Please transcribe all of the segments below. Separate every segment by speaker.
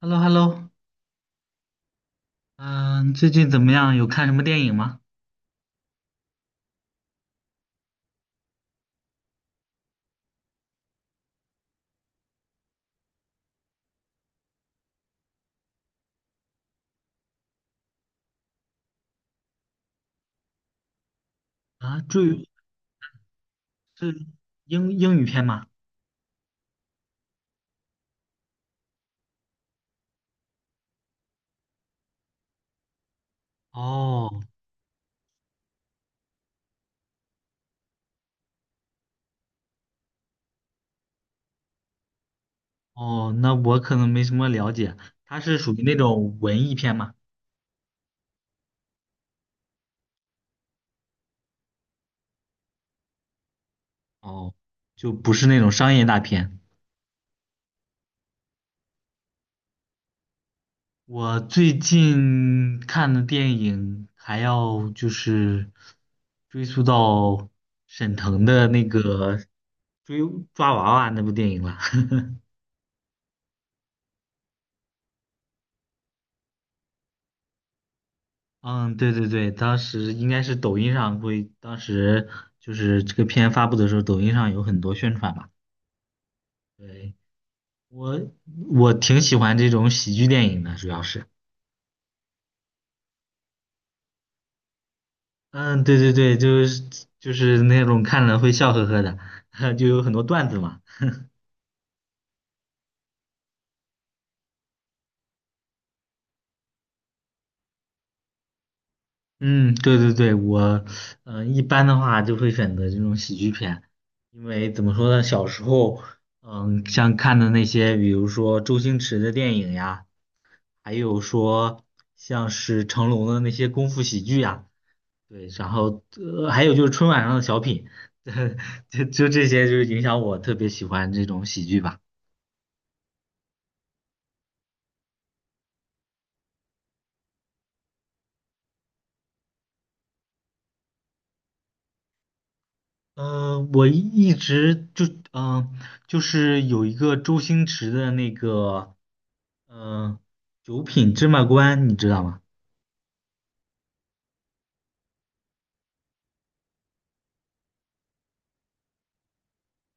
Speaker 1: h e l l o h e l l o 嗯，最近怎么样？有看什么电影吗？啊，是英语片吗？哦哦，那我可能没什么了解，它是属于那种文艺片吗？哦，就不是那种商业大片。我最近看的电影还要就是追溯到沈腾的那个追抓娃娃那部电影了。嗯，对对对，当时应该是抖音上会，当时就是这个片发布的时候，抖音上有很多宣传嘛。对，我我挺喜欢这种喜剧电影的，主要是，嗯，对对对，就是那种看了会笑呵呵的，就有很多段子嘛。嗯，对对对，我一般的话就会选择这种喜剧片，因为怎么说呢，小时候像看的那些，比如说周星驰的电影呀。还有说像是成龙的那些功夫喜剧呀、对，然后还有就是春晚上的小品，就这些，就是影响我特别喜欢这种喜剧吧。嗯、我一直就嗯、呃就是有一个周星驰的那个嗯、呃九品芝麻官，你知道吗？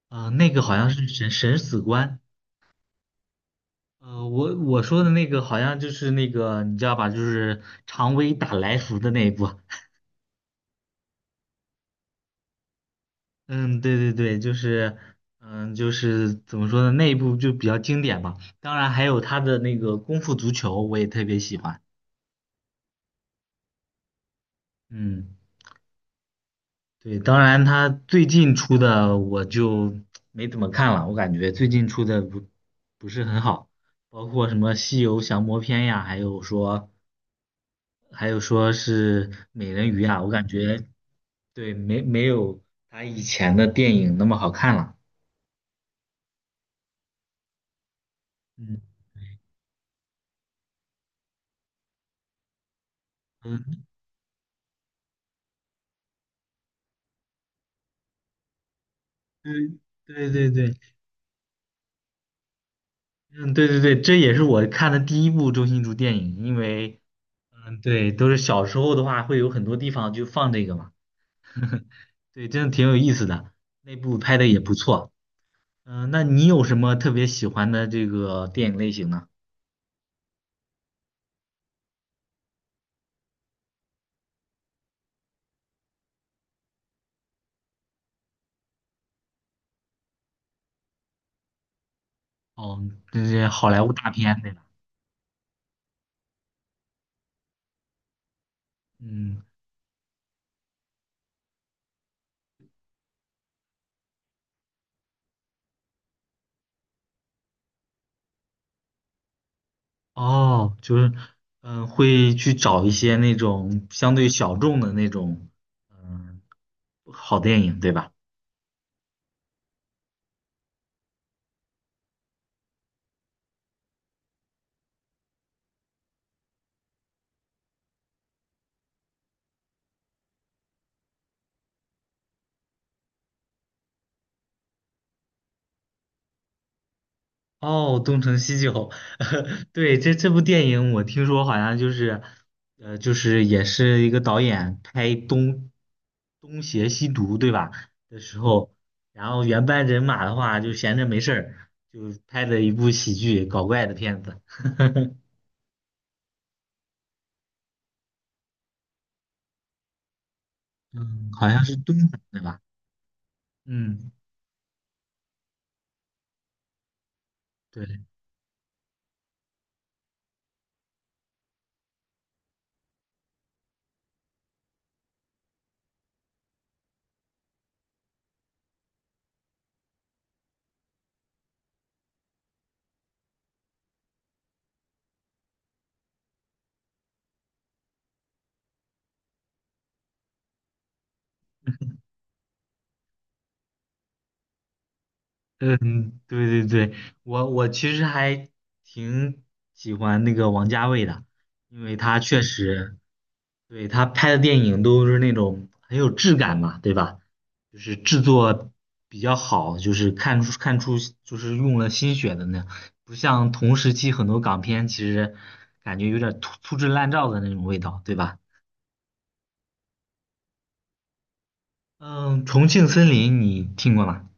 Speaker 1: 嗯，那个好像是审死官。我说的那个好像就是那个，你知道吧？就是常威打来福的那一部。嗯，对对对，就是怎么说呢，那一部就比较经典吧。当然还有他的那个《功夫足球》，我也特别喜欢。嗯，对，当然他最近出的我就没怎么看了，我感觉最近出的不是很好，包括什么《西游降魔篇》呀，还有说是《美人鱼》啊，我感觉对没有他以前的电影那么好看了。嗯嗯，对对对对。嗯，对对对，这也是我看的第一部周星驰电影，因为，嗯，对，都是小时候的话，会有很多地方就放这个嘛，对，真的挺有意思的，那部拍的也不错。那你有什么特别喜欢的这个电影类型呢？哦，这些好莱坞大片对吧？嗯，哦，就是，会去找一些那种相对小众的那种，嗯，好电影对吧？哦，《东成西就》对，这部电影我听说好像就是，就是也是一个导演拍东邪西毒，对吧？的时候，然后原班人马的话就闲着没事儿，就拍的一部喜剧搞怪的片子，嗯，好像是东北的吧？嗯，对。嗯，对对对，我其实还挺喜欢那个王家卫的，因为他确实，对，他拍的电影都是那种很有质感嘛，对吧？就是制作比较好，就是看出就是用了心血的那样不像同时期很多港片其实感觉有点粗制滥造的那种味道，对吧？嗯，《重庆森林》你听过吗？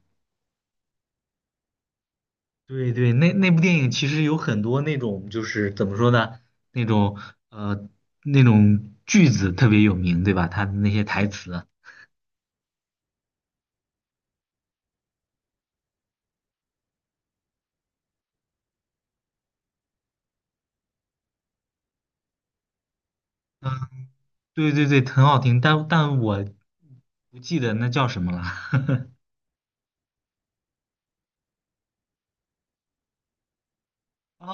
Speaker 1: 对对，那部电影其实有很多那种就是怎么说呢，那种呃那种句子特别有名，对吧？他的那些台词，嗯，对对对，很好听，但我不记得那叫什么了。哦，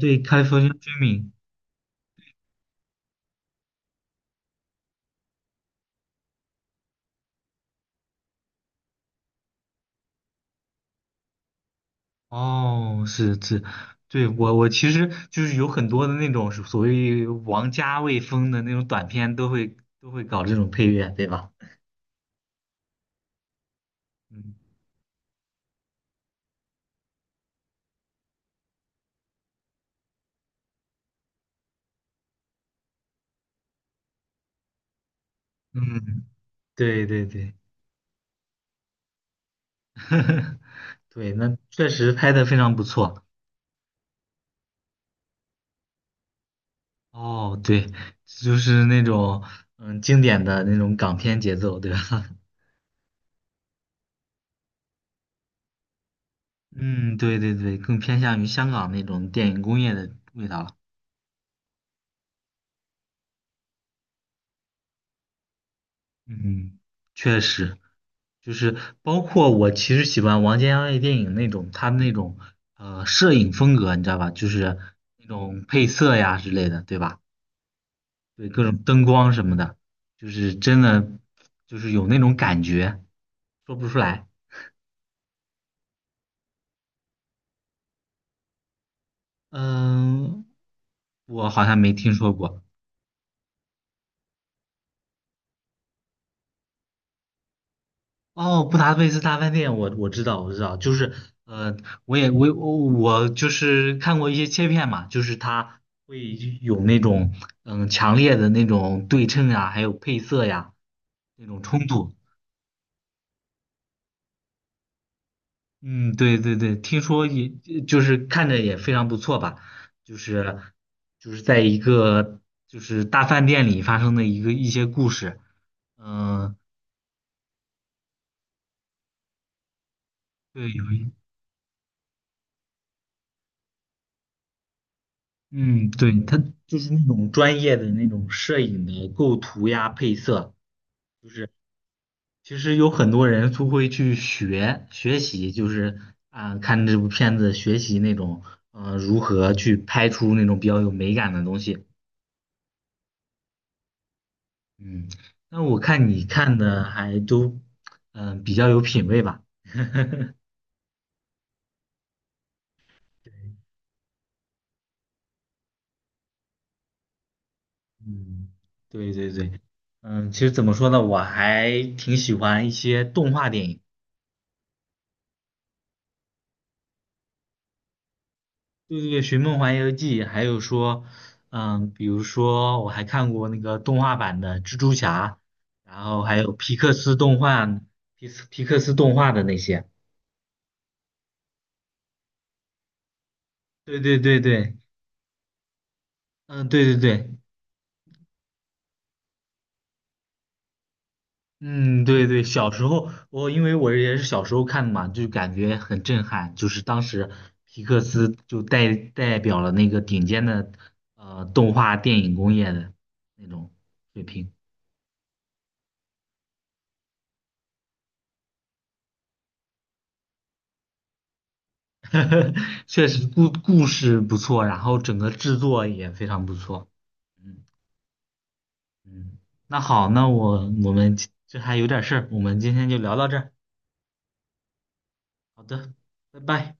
Speaker 1: 对开 a l i f 哦，是是，对我其实就是有很多的那种所谓王家卫风的那种短片，都会搞这种配乐，对吧？嗯嗯，对对对。对，那确实拍的非常不错。哦，对，就是那种经典的那种港片节奏，对吧？嗯，对对对，更偏向于香港那种电影工业的味道了。嗯，确实，就是包括我其实喜欢王家卫电影那种他那种摄影风格，你知道吧？就是那种配色呀之类的，对吧？对，各种灯光什么的，就是真的就是有那种感觉，说不出来。嗯，我好像没听说过。哦，布达佩斯大饭店，我知道，我知道，就是呃，我也我我我就是看过一些切片嘛，就是它会有那种强烈的那种对称呀，还有配色呀那种冲突。嗯，对对对，听说也就是看着也非常不错吧，就是就是在一个就是大饭店里发生的一些故事。嗯，对，有一。嗯，对，他就是那种专业的那种摄影的构图呀、配色，就是其实有很多人都会去学习，就是啊、看这部片子学习那种如何去拍出那种比较有美感的东西。嗯，那我看你看的还都比较有品味吧。嗯，对对对，其实怎么说呢，我还挺喜欢一些动画电影。对对对，《寻梦环游记》，还有说，比如说我还看过那个动画版的蜘蛛侠，然后还有皮克斯动画、皮克斯动画的那些。对对对对，嗯，对对对，嗯，对对，小时候我因为我也是小时候看的嘛，就感觉很震撼，就是当时皮克斯就代表了那个顶尖的动画电影工业的那种水平。确实故事不错，然后整个制作也非常不错。嗯嗯，那好，那我们这还有点事儿，我们今天就聊到这儿。好的，拜拜。